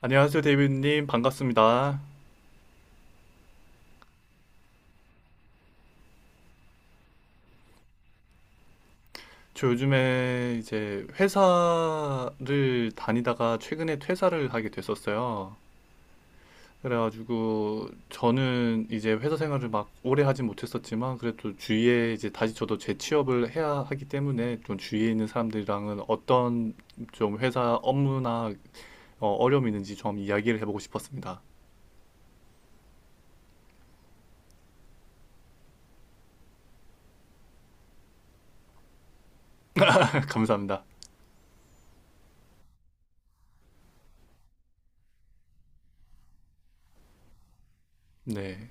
안녕하세요, 데이비드님. 반갑습니다. 저 요즘에 이제 회사를 다니다가 최근에 퇴사를 하게 됐었어요. 그래가지고 저는 이제 회사 생활을 막 오래 하진 못했었지만 그래도 주위에 이제 다시 저도 재취업을 해야 하기 때문에 좀 주위에 있는 사람들이랑은 어떤 좀 회사 업무나 어려움이 있는지 좀 이야기를 해보고 싶었습니다. 감사합니다. 네,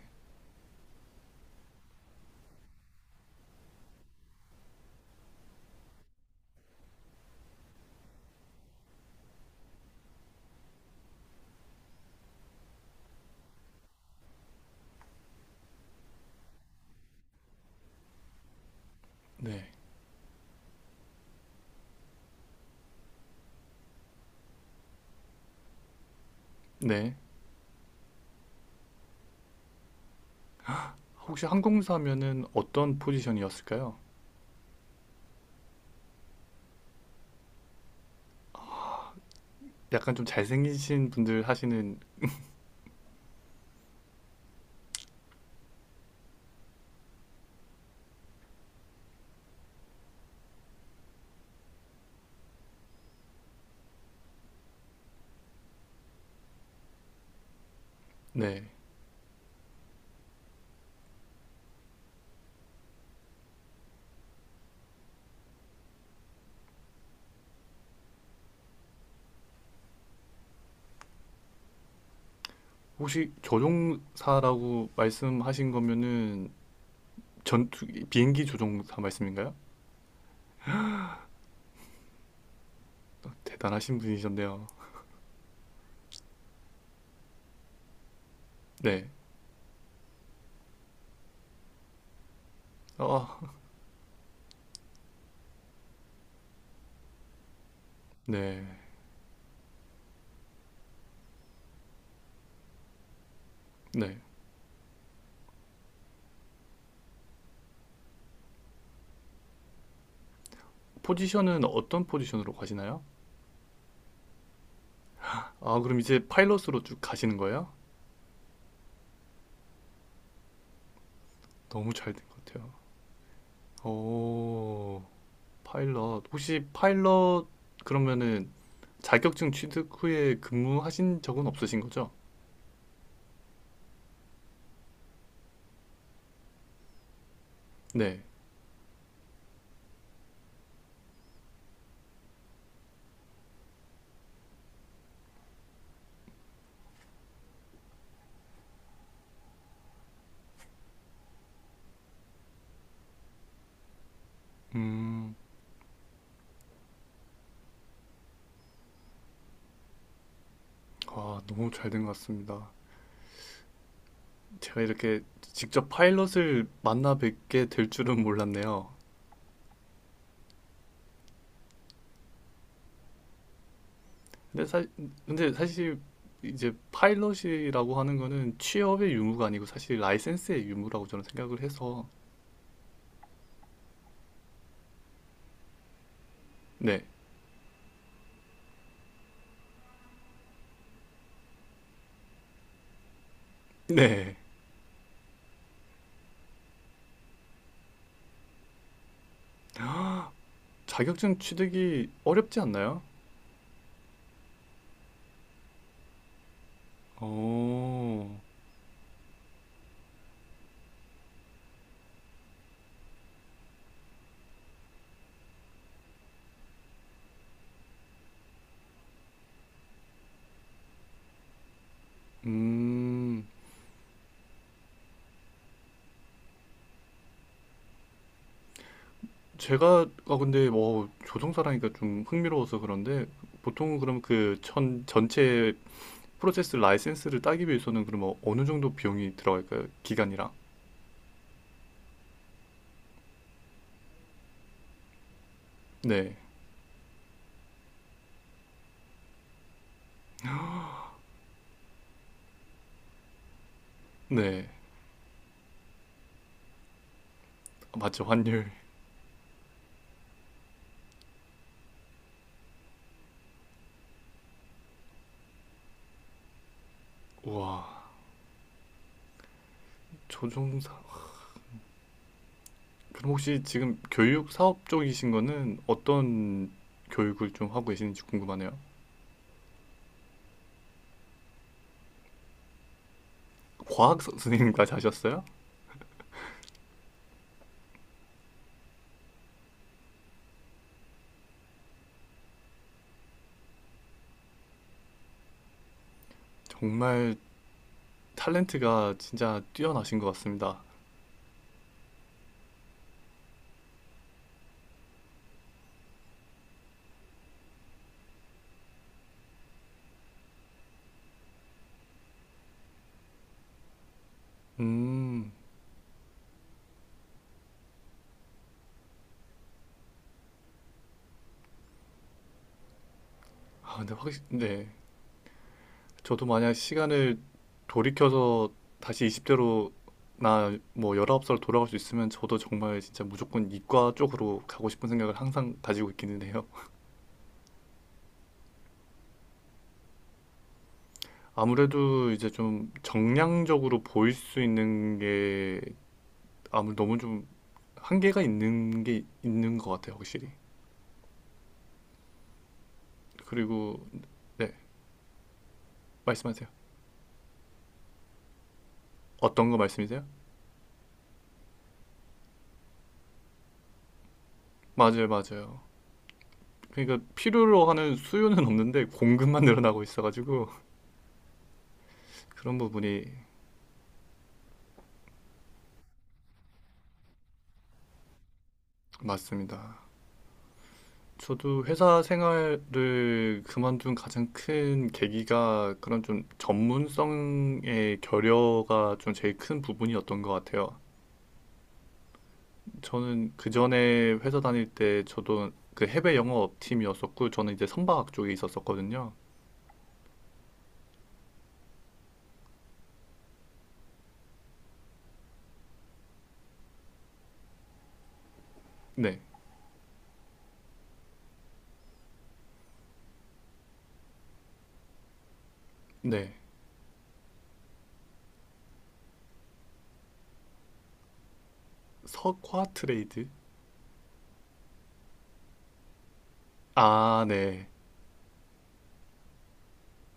네, 네. 혹시 항공사면은 어떤 포지션이었을까요? 약간 좀 잘생기신 분들 하시는 네. 혹시 조종사라고 말씀하신 거면은 전투 비행기 조종사 말씀인가요? 대단하신 분이셨네요. 네. 아, 네. 네. 포지션은 어떤 포지션으로 가시나요? 아, 그럼 이제 파일럿으로 쭉 가시는 거예요? 너무 잘된 것 같아요. 오, 파일럿. 혹시 파일럿 그러면은 자격증 취득 후에 근무하신 적은 없으신 거죠? 네. 음. 아, 너무 잘 된 것 같습니다. 제가 이렇게 직접 파일럿을 만나 뵙게 될 줄은 몰랐네요. 근데, 사, 근데 사실 이제 파일럿이라고 하는 거는 취업의 유무가 아니고 사실 라이센스의 유무라고 저는 생각을 해서 네, 네. 자격증 취득이 어렵지 않나요? 어, 음, 제가 아 근데 뭐 조종사라니까 좀 흥미로워서 그런데 보통은 그럼 그 천 전체 프로세스 라이센스를 따기 위해서는 그러면 어느 정도 비용이 들어갈까요? 기간이랑. 네. 네. 아, 맞죠. 환율. 우와. 조종사. 그럼 혹시 지금 교육 사업 쪽이신 거는 어떤 교육을 좀 하고 계시는지 궁금하네요. 선생님까지 하셨어요? 정말 탤런트가 진짜 뛰어나신 것 같습니다. 음. 아, 근데 확실히 네. 저도 만약 시간을 돌이켜서 다시 20대로 나 뭐 19살 돌아갈 수 있으면 저도 정말 진짜 무조건 이과 쪽으로 가고 싶은 생각을 항상 가지고 있기는 해요. 아무래도 이제 좀 정량적으로 보일 수 있는 게 아무 너무 좀 한계가 있는 게 있는 것 같아요, 확실히. 그리고 네, 말씀하세요. 어떤 거 말씀이세요? 맞아요, 맞아요. 그러니까 필요로 하는 수요는 없는데 공급만 늘어나고 있어가지고 그런 부분이 맞습니다. 저도 회사 생활을 그만둔 가장 큰 계기가 그런 좀 전문성의 결여가 좀 제일 큰 부분이었던 것 같아요. 저는 그 전에 회사 다닐 때 저도 그 해외 영업 팀이었었고 저는 이제 선박 쪽에 있었었거든요. 네, 네. 석화 트레이드? 아, 네,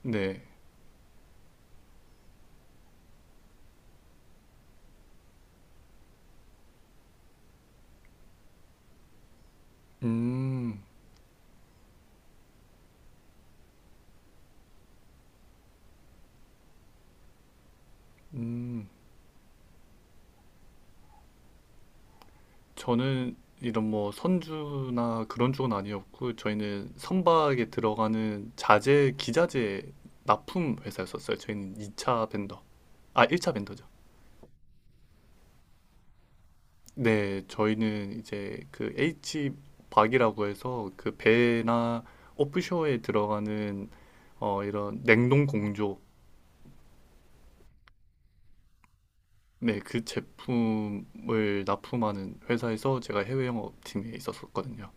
네. 음, 음. 저는 이런 뭐 선주나 그런 쪽은 아니었고 저희는 선박에 들어가는 자재, 기자재 납품 회사였었어요. 저희는 2차 벤더. 아, 1차 벤더죠. 네, 저희는 이제 그 H 박이라고 해서 그 배나 오프쇼에 들어가는 어 이런 냉동 공조 네, 그 제품을 납품하는 회사에서 제가 해외 영업팀에 있었었거든요.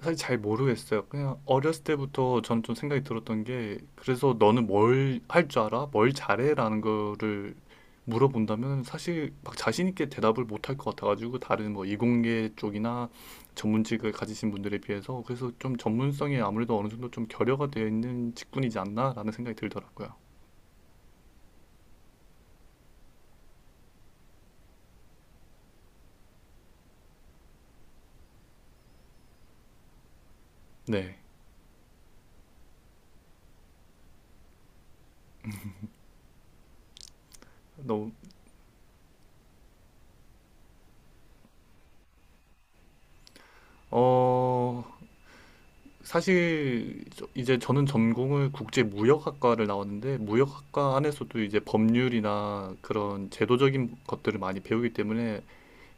사실 잘 모르겠어요. 그냥 어렸을 때부터 저는 좀 생각이 들었던 게 그래서 너는 뭘 할 줄 알아? 뭘 잘해라는 거를 물어본다면 사실 막 자신 있게 대답을 못 할 것 같아가지고 다른 뭐 이공계 쪽이나 전문직을 가지신 분들에 비해서 그래서 좀 전문성이 아무래도 어느 정도 좀 결여가 되어 있는 직군이지 않나라는 생각이 들더라고요. 네, 너무 어 사실 이제 저는 전공을 국제무역학과를 나왔는데 무역학과 안에서도 이제 법률이나 그런 제도적인 것들을 많이 배우기 때문에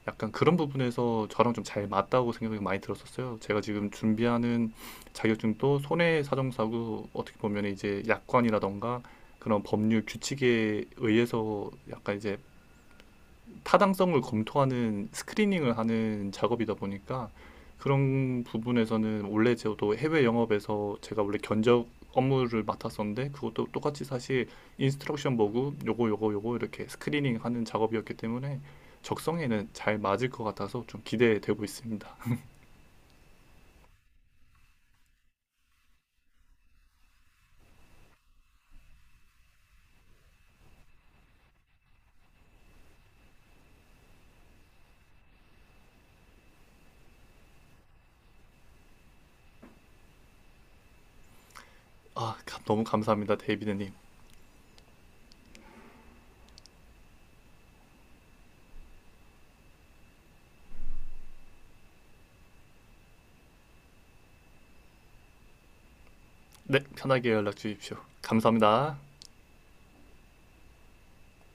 약간 그런 부분에서 저랑 좀 잘 맞다고 생각이 많이 들었었어요. 제가 지금 준비하는 자격증도 손해사정사고 어떻게 보면 이제 약관이라던가 그런 법률 규칙에 의해서 약간 이제 타당성을 검토하는 스크리닝을 하는 작업이다 보니까 그런 부분에서는 원래 저도 해외 영업에서 제가 원래 견적 업무를 맡았었는데 그것도 똑같이 사실 인스트럭션 보고 요거 요거 요거 이렇게 스크리닝 하는 작업이었기 때문에 적성에는 잘 맞을 것 같아서 좀 기대되고 있습니다. 아, 너무 감사합니다. 데이비드님. 네, 편하게 연락 주십시오. 감사합니다.